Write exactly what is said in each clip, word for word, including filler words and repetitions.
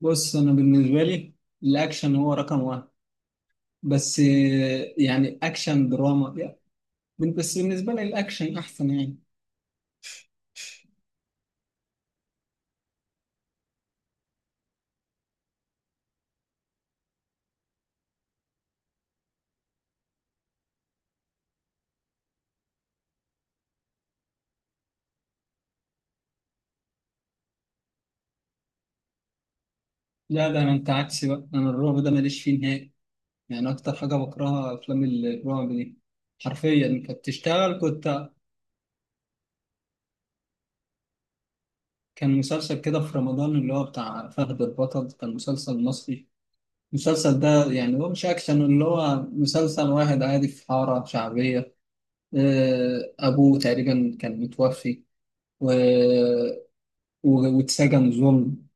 بص، انا بالنسبه لي الاكشن هو رقم واحد. بس آه، يعني اكشن دراما يعني. بس بالنسبه لي الاكشن احسن يعني. لا، ده انا انت عكسي بقى، انا الرعب ده ماليش فيه نهائي. يعني اكتر حاجه بكرهها افلام الرعب دي. حرفيا كانت تشتغل كنت. كان مسلسل كده في رمضان اللي هو بتاع فهد البطل، كان مسلسل مصري. المسلسل ده يعني هو مش اكشن، اللي هو مسلسل واحد عادي في حاره شعبيه. آه، ابوه تقريبا كان متوفي، و و- واتسجن ظلم.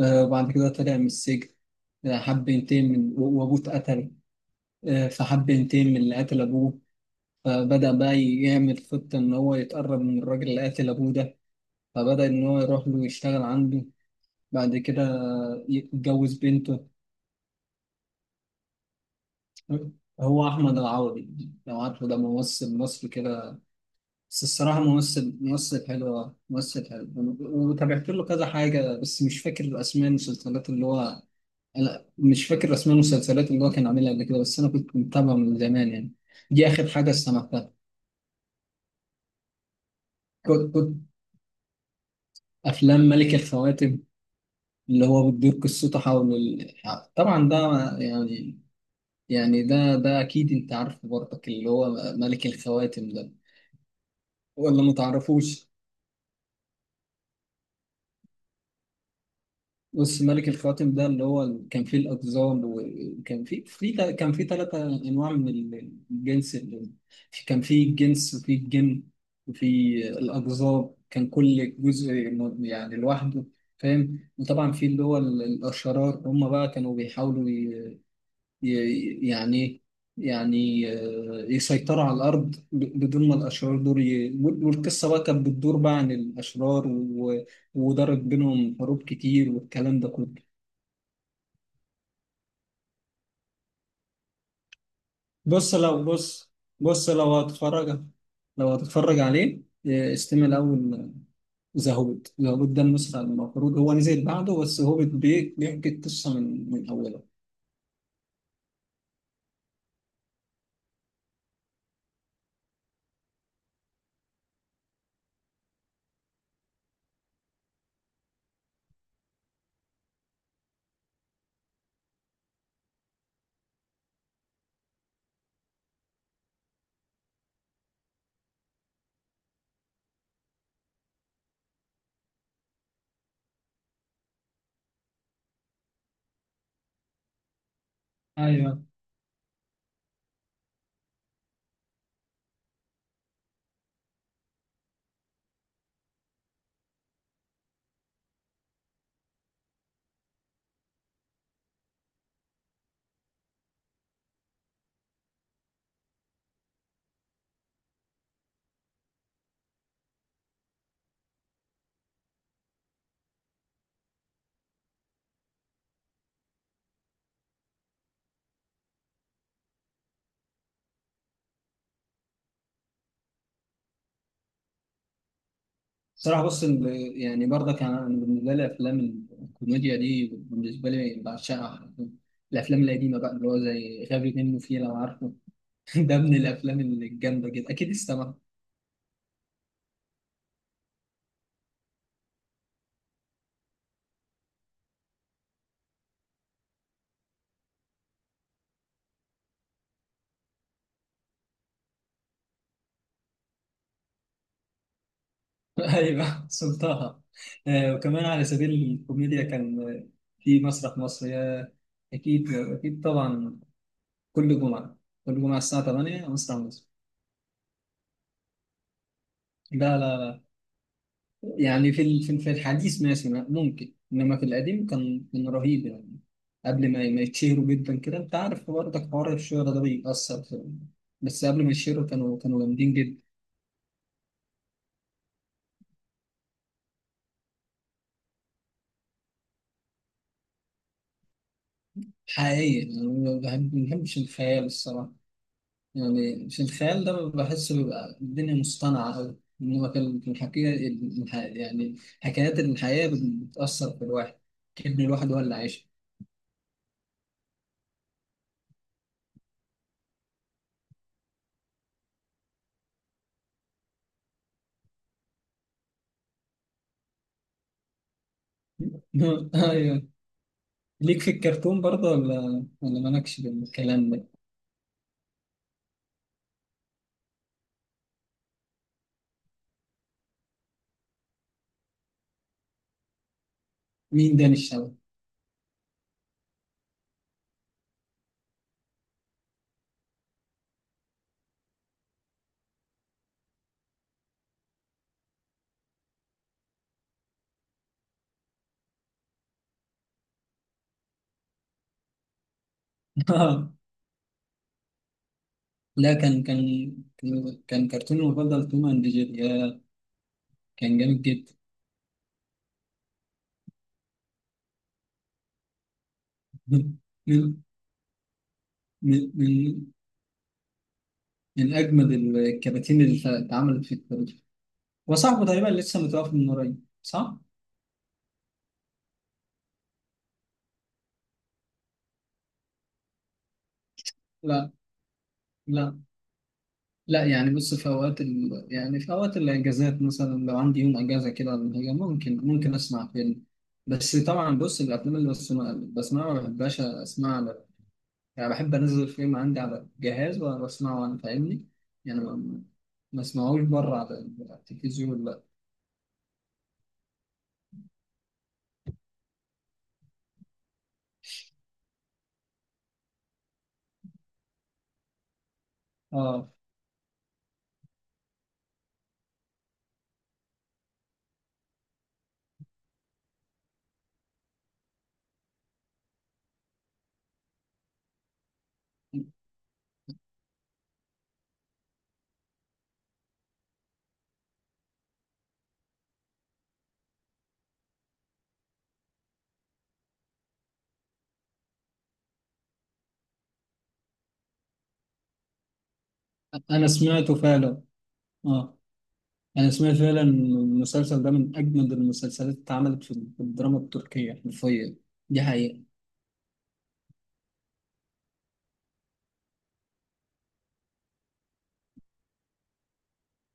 آه، وبعد كده طلع من السجن. آه، حب ينتقم من و- وأبوه اتقتل. آه، فحب ينتقم من اللي قتل أبوه. فبدأ بقى يعمل خطة إن هو يتقرب من الراجل اللي قتل أبوه ده. فبدأ إن هو يروح له يشتغل عنده، بعد كده يتجوز بنته. هو أحمد العوضي، لو عارفه، ده ممثل مصري كده. بس الصراحة ممثل، ممثل حلو، آه، ممثل حلو. وتابعت له كذا حاجة بس مش فاكر أسماء المسلسلات اللي هو. انا مش فاكر اسماء المسلسلات اللي هو كان عاملها قبل كده، بس انا كنت متابعه من زمان يعني. دي اخر حاجه استمعتها. كنت, كنت افلام ملك الخواتم اللي هو بتدور قصته حول ال... طبعا ده، يعني. يعني ده ده اكيد انت عارفه برضك اللي هو ملك الخواتم ده، ولا ما تعرفوش؟ بص، ملك الخواتم ده اللي هو ال- كان فيه الأقزام، وكان فيه في تا- كان فيه ثلاثة أنواع من ال- الجنس اللي في- كان فيه الجنس، وفيه الجن، وفيه الأقزام. كان كل جزء م- يعني لوحده، فاهم. وطبعا في اللي هو ال- الأشرار، هم بقى كانوا بيحاولوا ي- ي- يعني يعني آه، يسيطروا على الأرض، ب- بدون ما الأشرار دول ي... وال- والقصة بقى كانت بتدور بقى عن الأشرار و... ودارت بينهم حروب كتير والكلام ده كله. بص لو بص بص لو هتتفرج لو هتتفرج عليه إيه، استمع الأول. ذا هوبت ذا هوبت ده المسلسل المفروض هو نزل بعده، بس هوبت بي- بيحكي القصة من من أولها. ايوه. صراحة، بص ال- يعني برضك أنا، أنا بالنسبة لي أفلام الكوميديا دي بالنسبة لي بعشقها. الأفلام القديمة بقى اللي هو زي غبي منه فيه، لو عارفه. ده من الأفلام الجامدة جدا، أكيد استمع. ايوه، سلطها. آه، وكمان على سبيل الكوميديا كان، آه، في مسرح مصر يا. اكيد اكيد طبعا. كل جمعه، كل جمعه الساعه الثامنة مسرح مصر. لا لا لا. يعني في ال- في ال- في الحديث ماشي، ما- ممكن، انما في القديم كان كان رهيب يعني. قبل ما ما يتشهروا جدا كده، انت عارف برضك حوار الشهرة ده بيأثر في. بس قبل ما يتشهروا كانوا كانوا جامدين جدا. حقيقي، يعني ما بحب- ما بحبش الخيال الصراحه. يعني في الخيال ده بحس بيبقى الدنيا مصطنعة أوي. إنما كان في الحكاية، الح- يعني حكايات الحياة بتأثر في الواحد، كأن الواحد هو اللي عايشها. أيوه. ليك في الكرتون برضه، ولا ولا مالكش بالكلام ده؟ مين ده الشباب؟ لا، كان كان كان كرتوني المفضل توم أند جيري يا، كان جامد جدا. من من من من أجمد الكراتين اللي اتعملت في التاريخ. وصاحبه تقريبا لسه متوفي من قريب، صح؟ لا، لا لا. يعني بص، في اوقات ال... يعني في اوقات الاجازات مثلا، لو عندي يوم اجازه كده ولا حاجه، ممكن ممكن اسمع فيلم. بس طبعا بص، الافلام اللي بسمع بسمعها ما بحبهاش اسمعها على- يعني بحب انزل الفيلم عندي على الجهاز واسمعه وانا، فاهمني؟ يعني ما ما اسمعوش بره على على التلفزيون، لا. اه. انا سمعته فعلا. اه. انا سمعت فعلا إن المسلسل ده من اجمد المسلسلات اللي اتعملت في في الدراما التركيه حرفيا. دي حقيقه.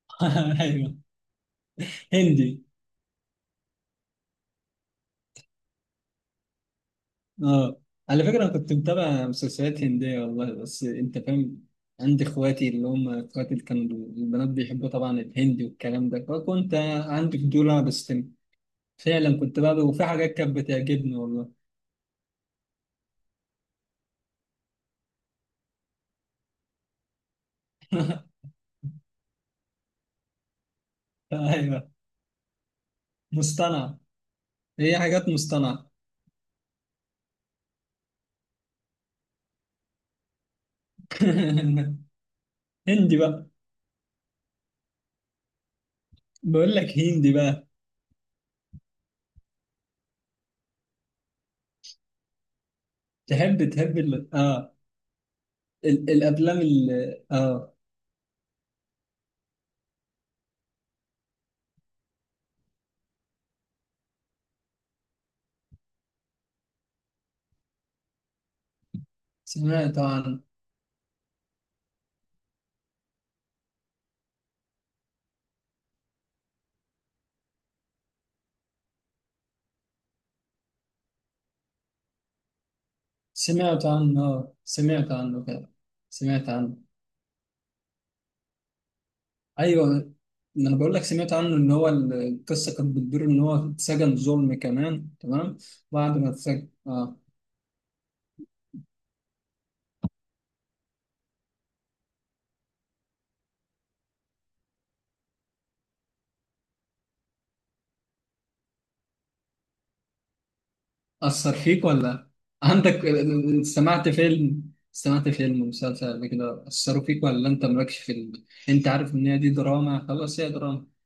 ايوه. هندي، اه. على فكرة أنا كنت متابع مسلسلات هندية والله، بس أنت فاهم. عندي إخواتي اللي هم إخواتي اللي كانوا البنات، بيحبوا طبعا الهندي والكلام ده، فكنت عندي فضول أبحث فيه. فعلا كنت بقى، وفي حاجات كانت بتعجبني والله. أيوه، مصطنعة. هي حاجات مصطنعة. هندي بقى بقول لك هندي بقى. تحب تحب ال... آه ال... الأفلام ال... آه سمعت عن سمعت عنه، آه سمعت عنه كده، سمعت عنه. ايوه، ما انا بقول لك سمعت عنه ان هو ال- القصه كانت بتدور ان هو اتسجن ظلم كمان، تمام؟ بعد ما اتسجن، اه. اثر فيك ولا عندك؟ سمعت فيلم، سمعت فيلم مسلسل قبل كده اثروا فيك، ولا انت مالكش في ال... انت عارف ان هي دي دراما، خلاص، هي دراما.